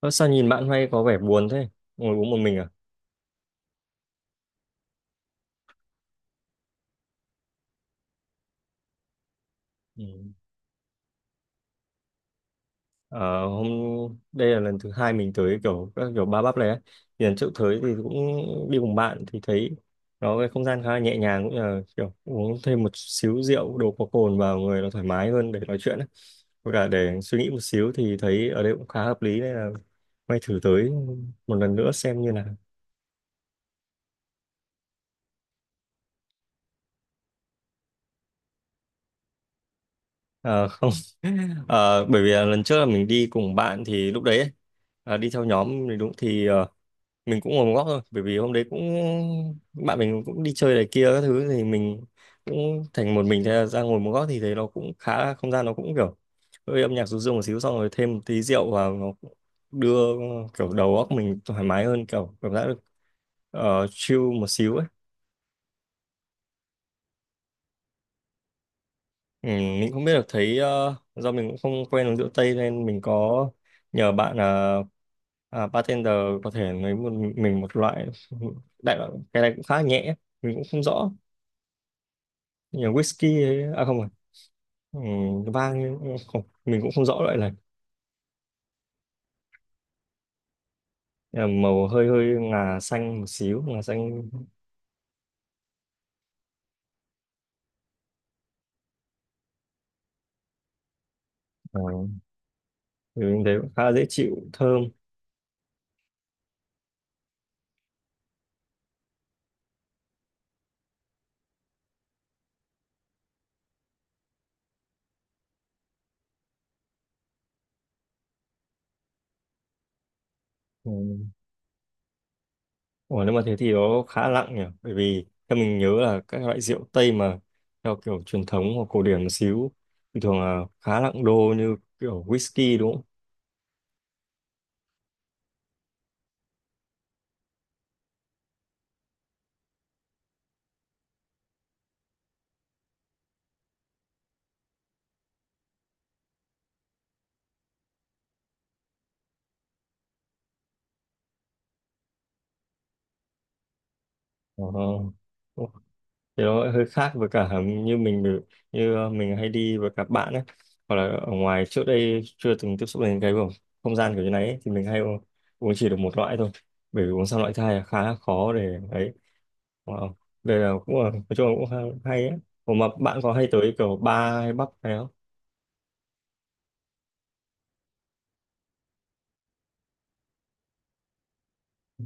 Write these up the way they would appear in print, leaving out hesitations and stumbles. Ơ, sao nhìn bạn hay có vẻ buồn thế? Ngồi uống một mình à? Ừ. Ờ, Hôm đây là lần thứ hai mình tới kiểu các kiểu ba bắp này ấy. Thì lần trước tới thì cũng đi cùng bạn thì thấy nó cái không gian khá là nhẹ nhàng, cũng như là kiểu uống thêm một xíu rượu, đồ có cồn vào người nó thoải mái hơn để nói chuyện ấy. Với cả để suy nghĩ một xíu thì thấy ở đây cũng khá hợp lý, nên là may thử tới một lần nữa xem như nào. Ờ, Không. Bởi vì là lần trước là mình đi cùng bạn thì lúc đấy ấy, à, đi theo nhóm thì đúng, thì mình cũng ngồi một góc thôi, bởi vì hôm đấy cũng bạn mình cũng đi chơi này kia các thứ thì mình cũng thành một mình, ra ngồi một góc, thì thấy nó cũng khá là không gian nó cũng kiểu hơi âm nhạc ru rương một xíu, xong rồi thêm một tí rượu vào nó cũng đưa kiểu đầu óc mình thoải mái hơn, kiểu cảm giác được chill một xíu ấy. Ừ, mình không biết được, thấy do mình cũng không quen uống rượu tây nên mình có nhờ bạn là à, bartender có thể lấy một mình một loại, đại loại cái này cũng khá nhẹ, mình cũng không rõ, nhà whisky ấy. À không rồi, ừ, vang. Không, mình cũng không rõ loại này. Nhưng màu hơi hơi ngà xanh một xíu, ngà xanh. ờ, thì mình thấy cũng khá là dễ chịu, thơm. Ừ. Ủa, nếu mà thế thì nó khá nặng nhỉ, bởi vì theo mình nhớ là các loại rượu Tây mà theo kiểu truyền thống hoặc cổ điển một xíu thì thường là khá nặng đô, như kiểu whisky đúng không? Ờ, thì nó hơi khác với cả như như mình hay đi với các bạn ấy, hoặc là ở ngoài trước đây chưa từng tiếp xúc đến cái không không gian kiểu như này ấy, thì mình uống chỉ được một loại thôi, bởi vì uống sang loại thứ hai là khá khó để ấy. Wow. Đây là cũng là, nói chung là cũng hay ấy. Ủa mà bạn có hay tới kiểu bar hay pub hay không? Ừ.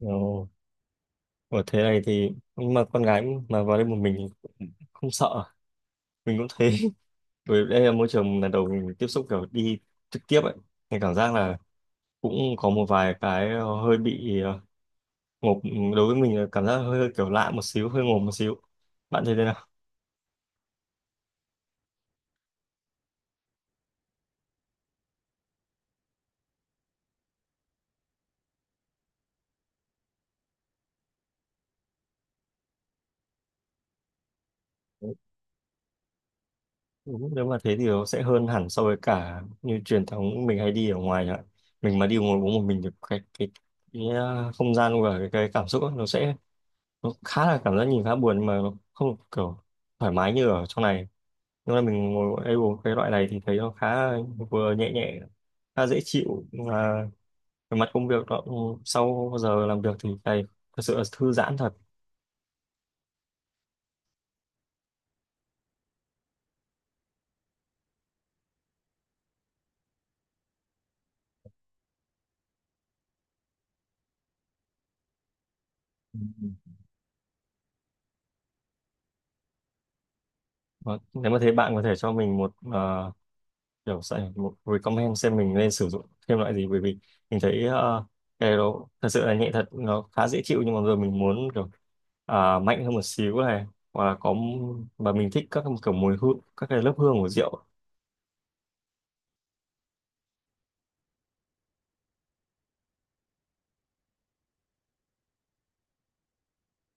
Ồ, ở thế này thì, nhưng mà con gái mà vào đây một mình thì cũng không sợ, mình cũng thế. Bởi vì đây là môi trường lần đầu mình tiếp xúc kiểu đi trực tiếp ấy, mình cảm giác là cũng có một vài cái hơi bị ngộp, đối với mình là cảm giác hơi kiểu lạ một xíu, hơi ngộp một xíu. Bạn thấy thế nào? Đúng, nếu mà thế thì nó sẽ hơn hẳn so với cả như truyền thống mình hay đi ở ngoài ạ. Mình mà đi ngồi uống một mình thì cái không gian và cái cảm xúc ấy, nó sẽ, nó khá là cảm giác nhìn khá buồn, nhưng mà nó không kiểu thoải mái như ở trong này. Nhưng mà mình ngồi đây uống cái loại này thì thấy nó khá vừa nhẹ nhẹ, khá dễ chịu. Về mặt công việc đó, ừ, sau giờ làm việc thì thầy thật sự là thư giãn thật. Ừ. Và nếu mà thấy bạn có thể cho mình một kiểu sẽ một recommend xem mình nên sử dụng thêm loại gì, bởi vì mình thấy cái đó thật sự là nhẹ thật, nó khá dễ chịu, nhưng mà rồi mình muốn kiểu mạnh hơn một xíu này, hoặc là có, và mình thích các kiểu mùi hương, các cái lớp hương của rượu.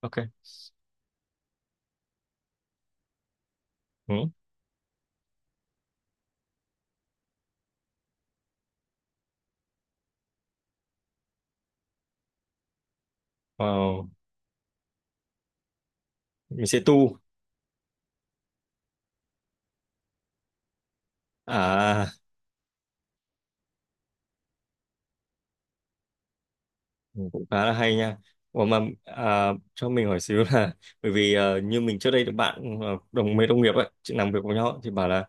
Ok. Ừ. Ờ, mình sẽ tu. À. Ừ, cũng khá là hay nha. Ủa mà à, cho mình hỏi xíu là, bởi vì như mình trước đây được bạn mấy đồng nghiệp ấy chị làm việc với nhau thì bảo là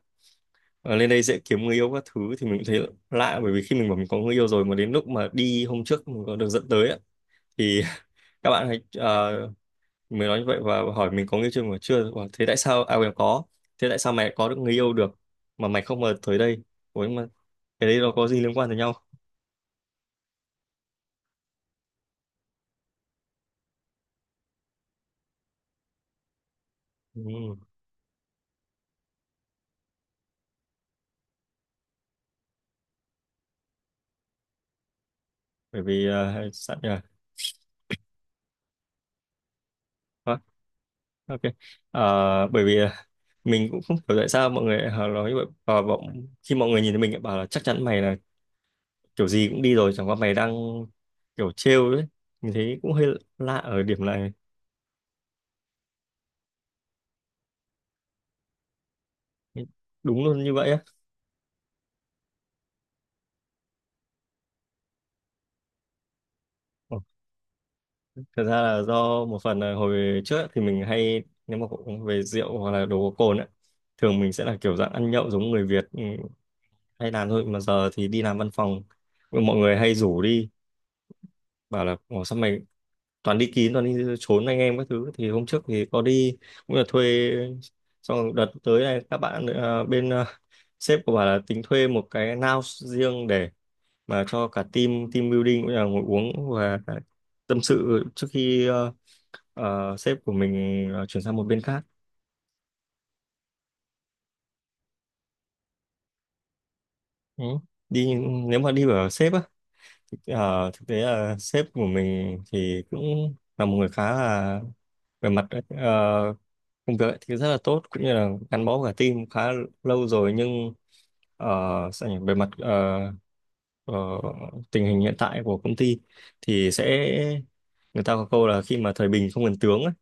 lên đây dễ kiếm người yêu các thứ, thì mình cũng thấy lạ, bởi vì khi mình bảo mình có người yêu rồi mà đến lúc mà đi hôm trước mình có được dẫn tới ấy, thì các bạn hãy mới nói như vậy và hỏi mình có người yêu chưa, mà chưa bảo, thế tại sao mày có được người yêu được mà mày không mà tới đây. Ủa nhưng mà cái đấy nó có gì liên quan tới nhau? Ừ, bởi vì ok. Ờ, Bởi vì à, mình cũng không hiểu tại sao mọi người họ nói như vậy, và bọn khi mọi người nhìn thấy mình lại bảo là chắc chắn mày là kiểu gì cũng đi rồi, chẳng qua mày đang kiểu trêu đấy. Mình thấy cũng hơi lạ ở điểm này. Đúng luôn như vậy á. Ờ, Thật ra là do một phần là hồi trước ấy, thì mình hay nếu mà cũng về rượu hoặc là đồ có cồn ấy, thường mình sẽ là kiểu dạng ăn nhậu giống người Việt, ừ, hay làm thôi, mà giờ thì đi làm văn phòng, mọi người hay rủ đi, bảo là ồ, sao mày toàn đi kín, toàn đi trốn anh em các thứ. Thì hôm trước thì có đi, cũng là thuê, xong rồi đợt tới này các bạn bên sếp của bà là tính thuê một cái lounge riêng để mà cho cả team, team building, cũng là ngồi uống và tâm sự trước khi sếp của mình chuyển sang một bên khác. Ừ. Đi, nếu mà đi ở sếp á. Thực tế là sếp của mình thì cũng là một người khá là, về mặt công việc ấy thì rất là tốt, cũng như là gắn bó cả team khá lâu rồi, nhưng ờ, sao nhỉ? Về mặt ờ, tình hình hiện tại của công ty thì sẽ, người ta có câu là khi mà thời bình không cần tướng ấy,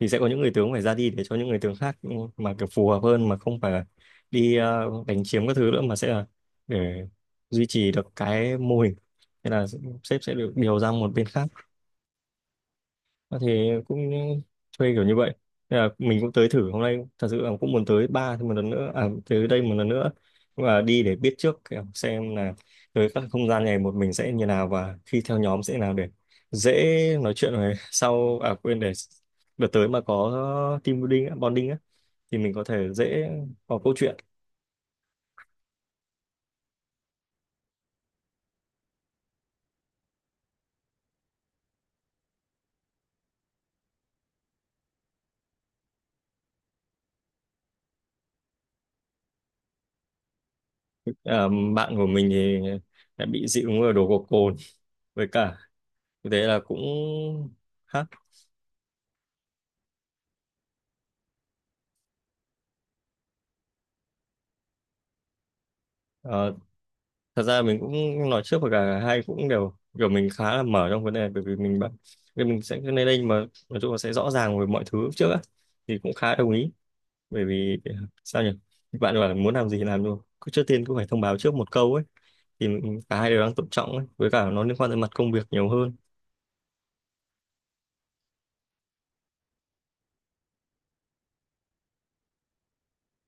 thì sẽ có những người tướng phải ra đi để cho những người tướng khác, ừ, mà kiểu phù hợp hơn, mà không phải là đi đánh chiếm các thứ nữa, mà sẽ là để duy trì được cái mô hình. Thế là sếp sẽ được điều ra một bên khác. Ờ, thì cũng thuê kiểu như vậy. Nên là mình cũng tới thử hôm nay, thật sự là cũng muốn tới ba thêm một lần nữa, à, tới đây một lần nữa, và đi để biết trước kiểu xem là tới các không gian này một mình sẽ như nào, và khi theo nhóm sẽ nào, để dễ nói chuyện rồi sau, à quên, để đợt tới mà có team building á, bonding á, thì mình có thể dễ có câu chuyện. À, bạn của mình thì đã bị dị ứng ở đồ gộc cồn, với cả thế là cũng khác. Ờ, Thật ra mình cũng nói trước, và cả hai cũng đều kiểu mình khá là mở trong vấn đề này, bởi vì mình bận nên mình sẽ cứ lên đây mà nói chung là sẽ rõ ràng về mọi thứ trước á, thì cũng khá đồng ý, bởi vì sao nhỉ, bạn bảo là muốn làm gì thì làm luôn, cứ trước tiên cũng phải thông báo trước một câu ấy, thì cả hai đều đang tôn trọng ấy, với cả nó liên quan tới mặt công việc nhiều hơn.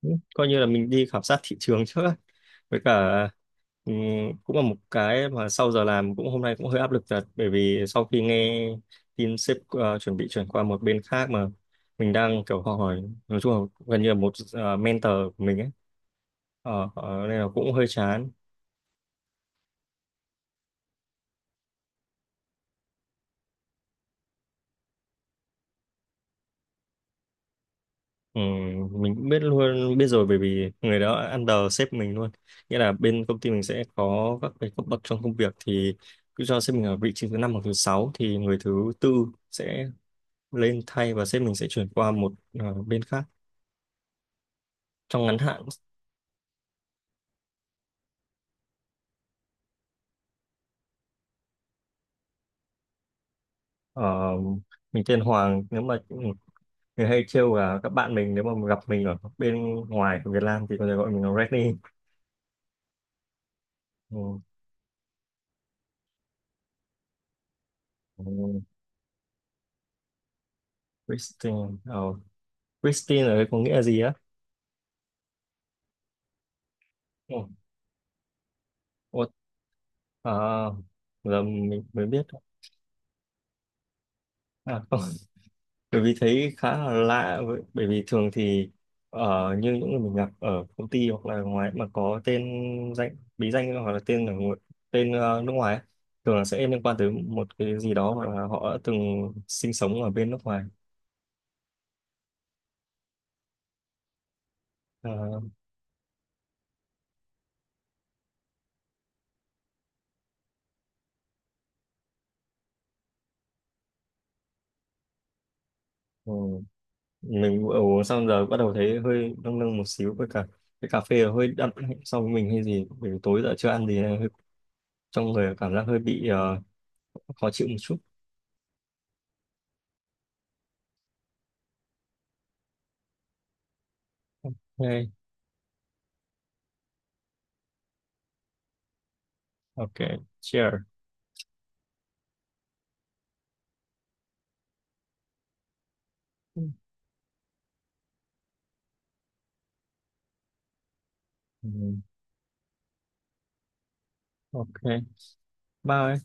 Ừ, coi như là mình đi khảo sát thị trường trước á. Với cả ừm, cũng là một cái mà sau giờ làm, cũng hôm nay cũng hơi áp lực thật, bởi vì sau khi nghe tin sếp chuẩn bị chuyển qua một bên khác, mà mình đang kiểu học hỏi, nói chung là gần như là một mentor của mình ấy. Nên là cũng hơi chán. Mình cũng biết luôn, biết rồi, bởi vì người đó under sếp mình luôn. Nghĩa là bên công ty mình sẽ có các cái cấp bậc trong công việc, thì cứ cho sếp mình ở vị trí thứ năm hoặc thứ sáu, thì người thứ tư sẽ lên thay và sếp mình sẽ chuyển qua một bên khác, trong ngắn hạn. ờ, mình tên Hoàng, nếu mà người hay trêu là các bạn mình nếu mà gặp mình ở bên ngoài của Việt Nam thì có thể gọi mình là Reddy. Ừ. Ừ, Christine. ờ, Christine ở đây có nghĩa là gì á? Ừ. Ủa, à, giờ mình mới biết. À, không. Bởi vì thấy khá là lạ bởi vì thường thì ở như những người mình gặp ở công ty hoặc là ngoài mà có tên danh, bí danh hoặc là tên ở tên nước ngoài ấy, thường là sẽ liên quan tới một cái gì đó hoặc là họ đã từng sinh sống ở bên nước ngoài. Ờ, ừ. Mình vừa uống xong giờ bắt đầu thấy hơi nâng nâng một xíu, với cả cái cà phê hơi đậm so với mình hay gì, bởi vì tối giờ chưa ăn gì nên hơi, trong người cảm giác hơi bị khó chịu một chút. Ok. Ok. Cheers. Ừ. Ok. Ba ơi.